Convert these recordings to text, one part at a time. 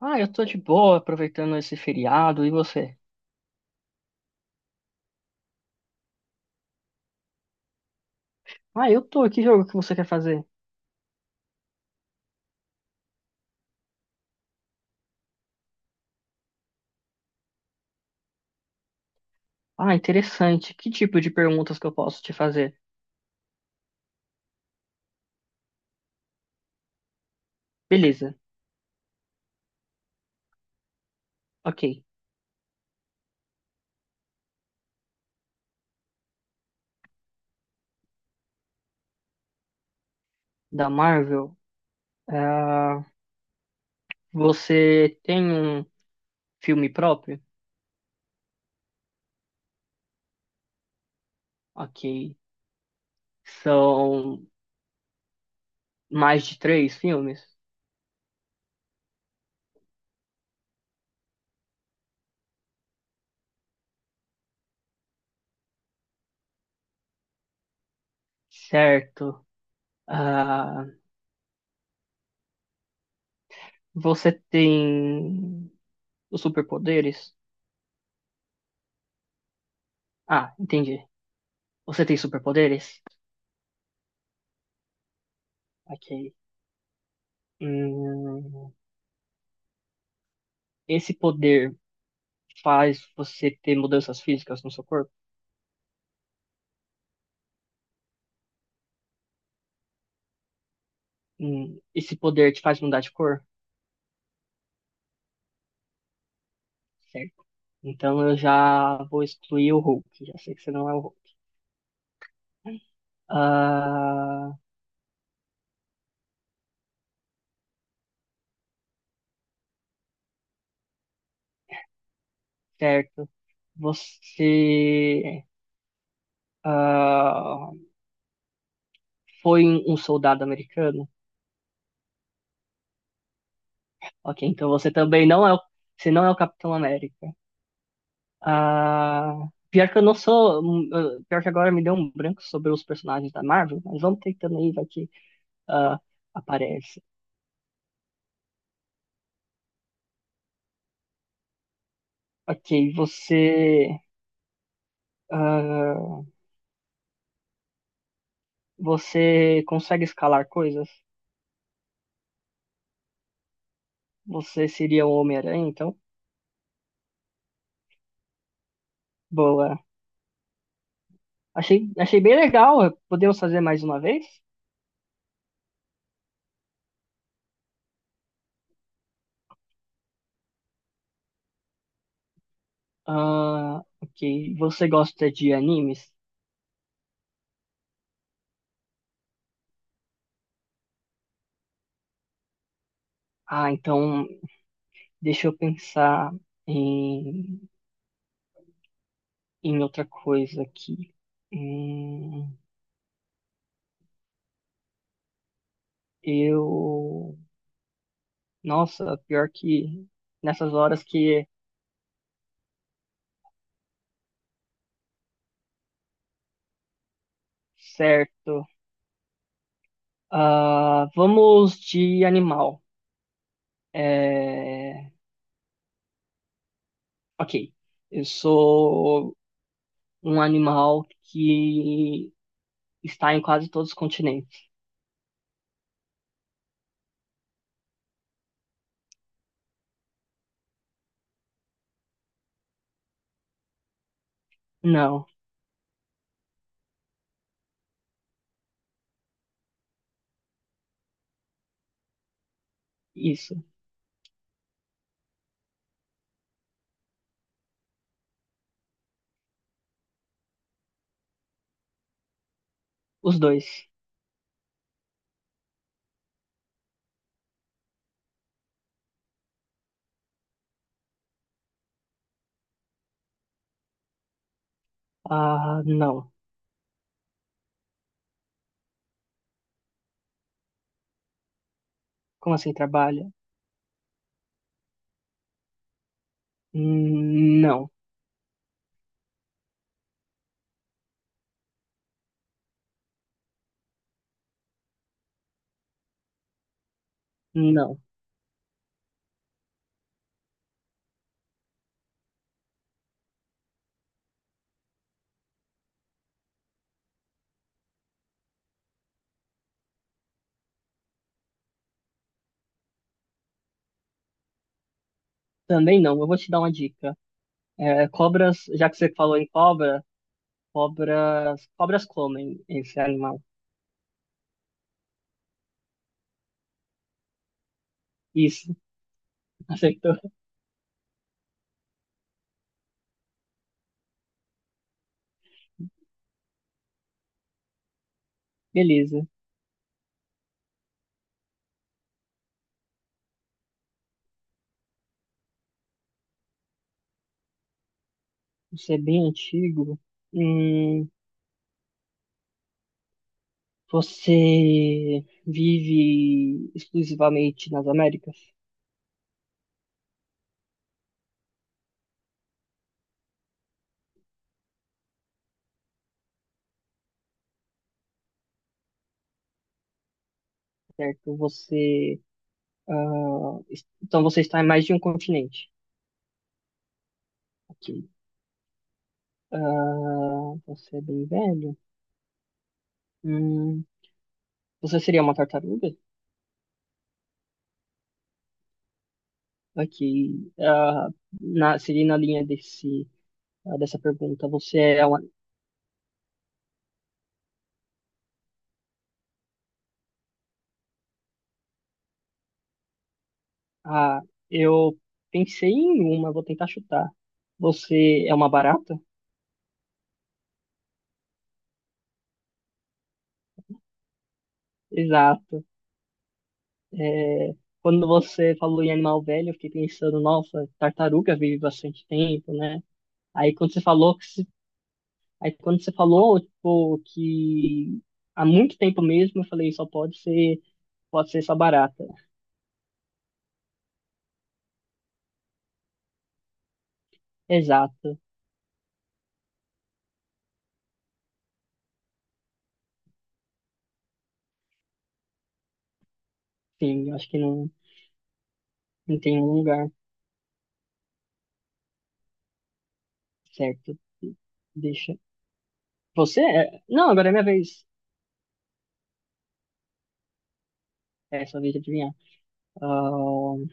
Eu tô de boa aproveitando esse feriado, e você? Eu tô, que jogo que você quer fazer? Ah, interessante. Que tipo de perguntas que eu posso te fazer? Beleza, ok. Da Marvel, ah, você tem um filme próprio? Ok. São mais de três filmes? Certo. Ah, você tem os superpoderes? Ah, entendi. Você tem superpoderes? Ok. Hum, esse poder. Faz você ter mudanças físicas no seu corpo. Esse poder te faz mudar de cor? Certo. Então eu já vou excluir o Hulk. Já sei que você não é o Hulk. Ah, certo. Você ah, foi um soldado americano? Ok, então você também não é o, você não é o Capitão América. Ah, pior que eu não sou. Pior que agora me deu um branco sobre os personagens da Marvel, mas vamos tentando aí, vai que ah, aparece. Ok, você. ah, você consegue escalar coisas? Você seria o Homem-Aranha, então? Boa. Achei, achei bem legal. Podemos fazer mais uma vez? Ah, ok. Você gosta de animes? Ah, então deixa eu pensar em, em outra coisa aqui. Hum, eu. Nossa, pior que nessas horas que. Certo. Ah, vamos de animal. É, ok, eu sou um animal que está em quase todos os continentes. Não, isso. Os dois. Ah, não. Como assim trabalha? Não, não. Também não. Eu vou te dar uma dica. É, cobras, já que você falou em cobra, cobras, cobras comem esse animal. Isso, acertou. Beleza. Isso é bem antigo. Hum, Você vive exclusivamente nas Américas, certo? Você, então você está em mais de um continente. Ok. Ah, você é bem velho. Hum, você seria uma tartaruga? Ok. Ah, na, seria na linha desse, ah, dessa pergunta. Você é uma. Ah, eu pensei em uma, vou tentar chutar. Você é uma barata? Exato. É, quando você falou em animal velho, eu fiquei pensando, nossa, tartaruga vive bastante tempo, né? Aí quando você falou que se- aí quando você falou, tipo, que há muito tempo mesmo, eu falei, só pode ser essa barata. Exato. Sim, eu acho que não, não tem um lugar certo. Deixa. Você é... Não, agora é minha vez. É, sua vez de adivinhar. Ahn,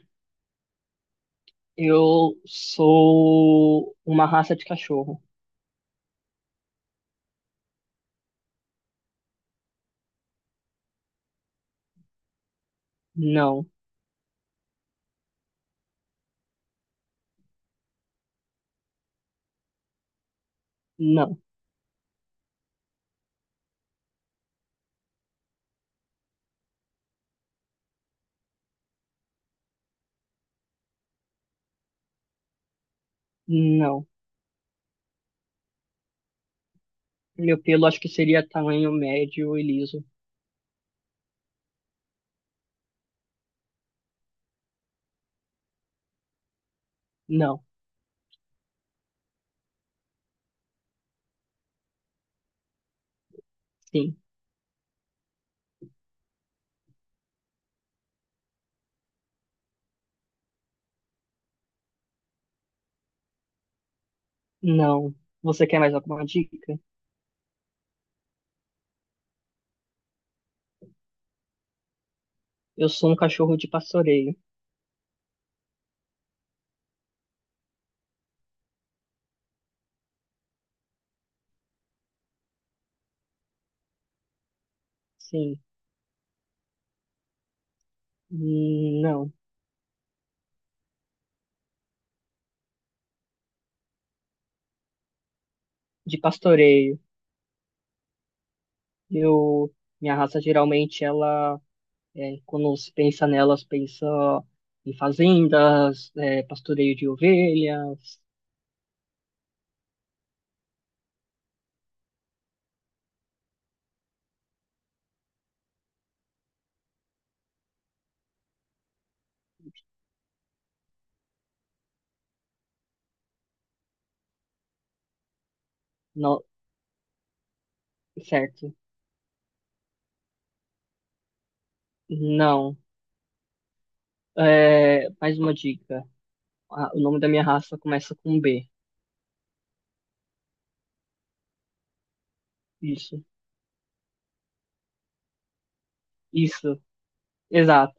eu sou uma raça de cachorro. Não, não, não. Meu pelo acho que seria tamanho médio e liso. Não, sim, não. Você quer mais alguma dica? Eu sou um cachorro de pastoreio. Sim, hum, não, de pastoreio. Eu, minha raça geralmente ela, é, quando se pensa nelas, pensa em fazendas, é, pastoreio de ovelhas, não, certo? Não. É, mais uma dica. Ah, o nome da minha raça começa com B. Isso, isso, exato.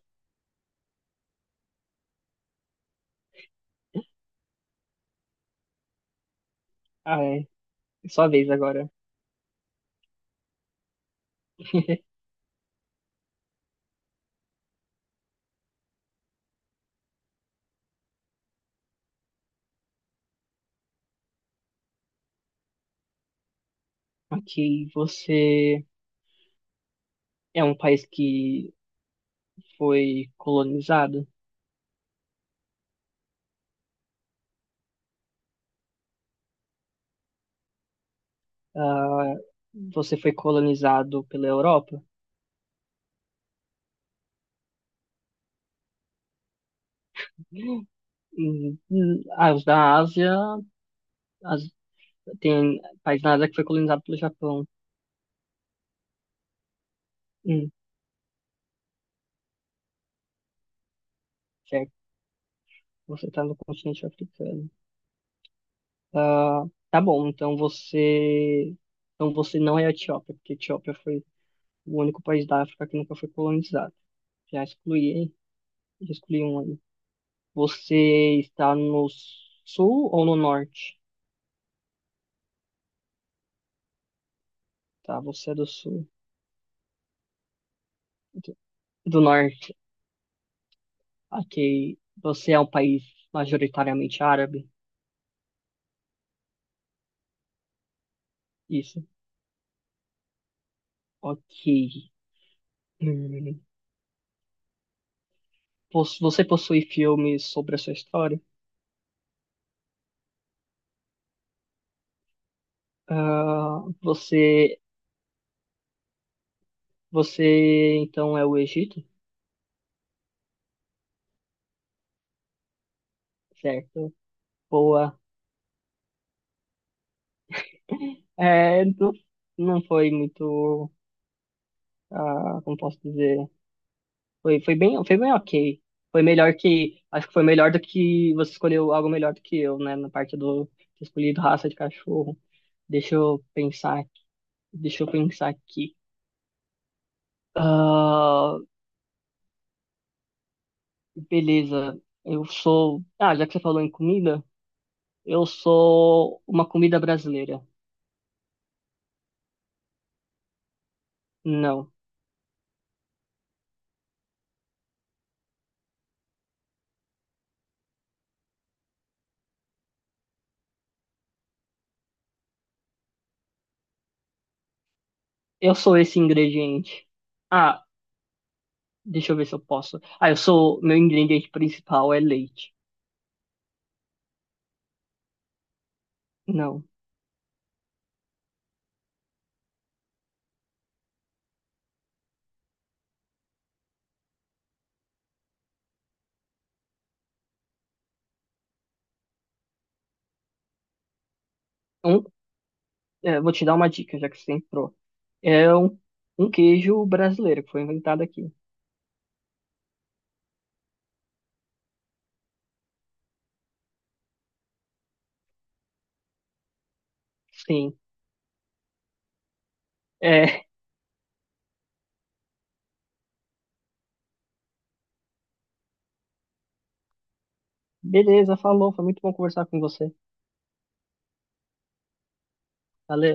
Ah, é. É sua vez agora. Ok, você é um país que foi colonizado? Ah, você foi colonizado pela Europa? Ah, os da Ásia, as- tem país na Ásia que foi colonizado pelo Japão. Hum, certo. Você está no continente africano. Ah, tá bom, então você não é a Etiópia, porque a Etiópia foi o único país da África que nunca foi colonizado. Já excluí, já excluí um aí. Você está no sul ou no norte? Tá, você é do sul. Do norte. Ok. Você é um país majoritariamente árabe? Isso. Ok. Hum. Pos- você possui filmes sobre a sua história? Ah, você, você então é o Egito? Certo. Boa. É, não, não foi muito, ah, como posso dizer? Foi, foi bem ok. Foi melhor que. Acho que foi melhor do que você escolheu algo melhor do que eu, né? Na parte do ter escolhido raça de cachorro. Deixa eu pensar aqui. Deixa eu pensar aqui. Ah, beleza. Eu sou. Ah, já que você falou em comida, eu sou uma comida brasileira. Não. Eu sou esse ingrediente. Ah, deixa eu ver se eu posso. Ah, eu sou. Meu ingrediente principal é leite. Não. Um, é, vou te dar uma dica, já que você entrou. É um, um queijo brasileiro que foi inventado aqui. Sim. É, beleza, falou. Foi muito bom conversar com você. Valeu.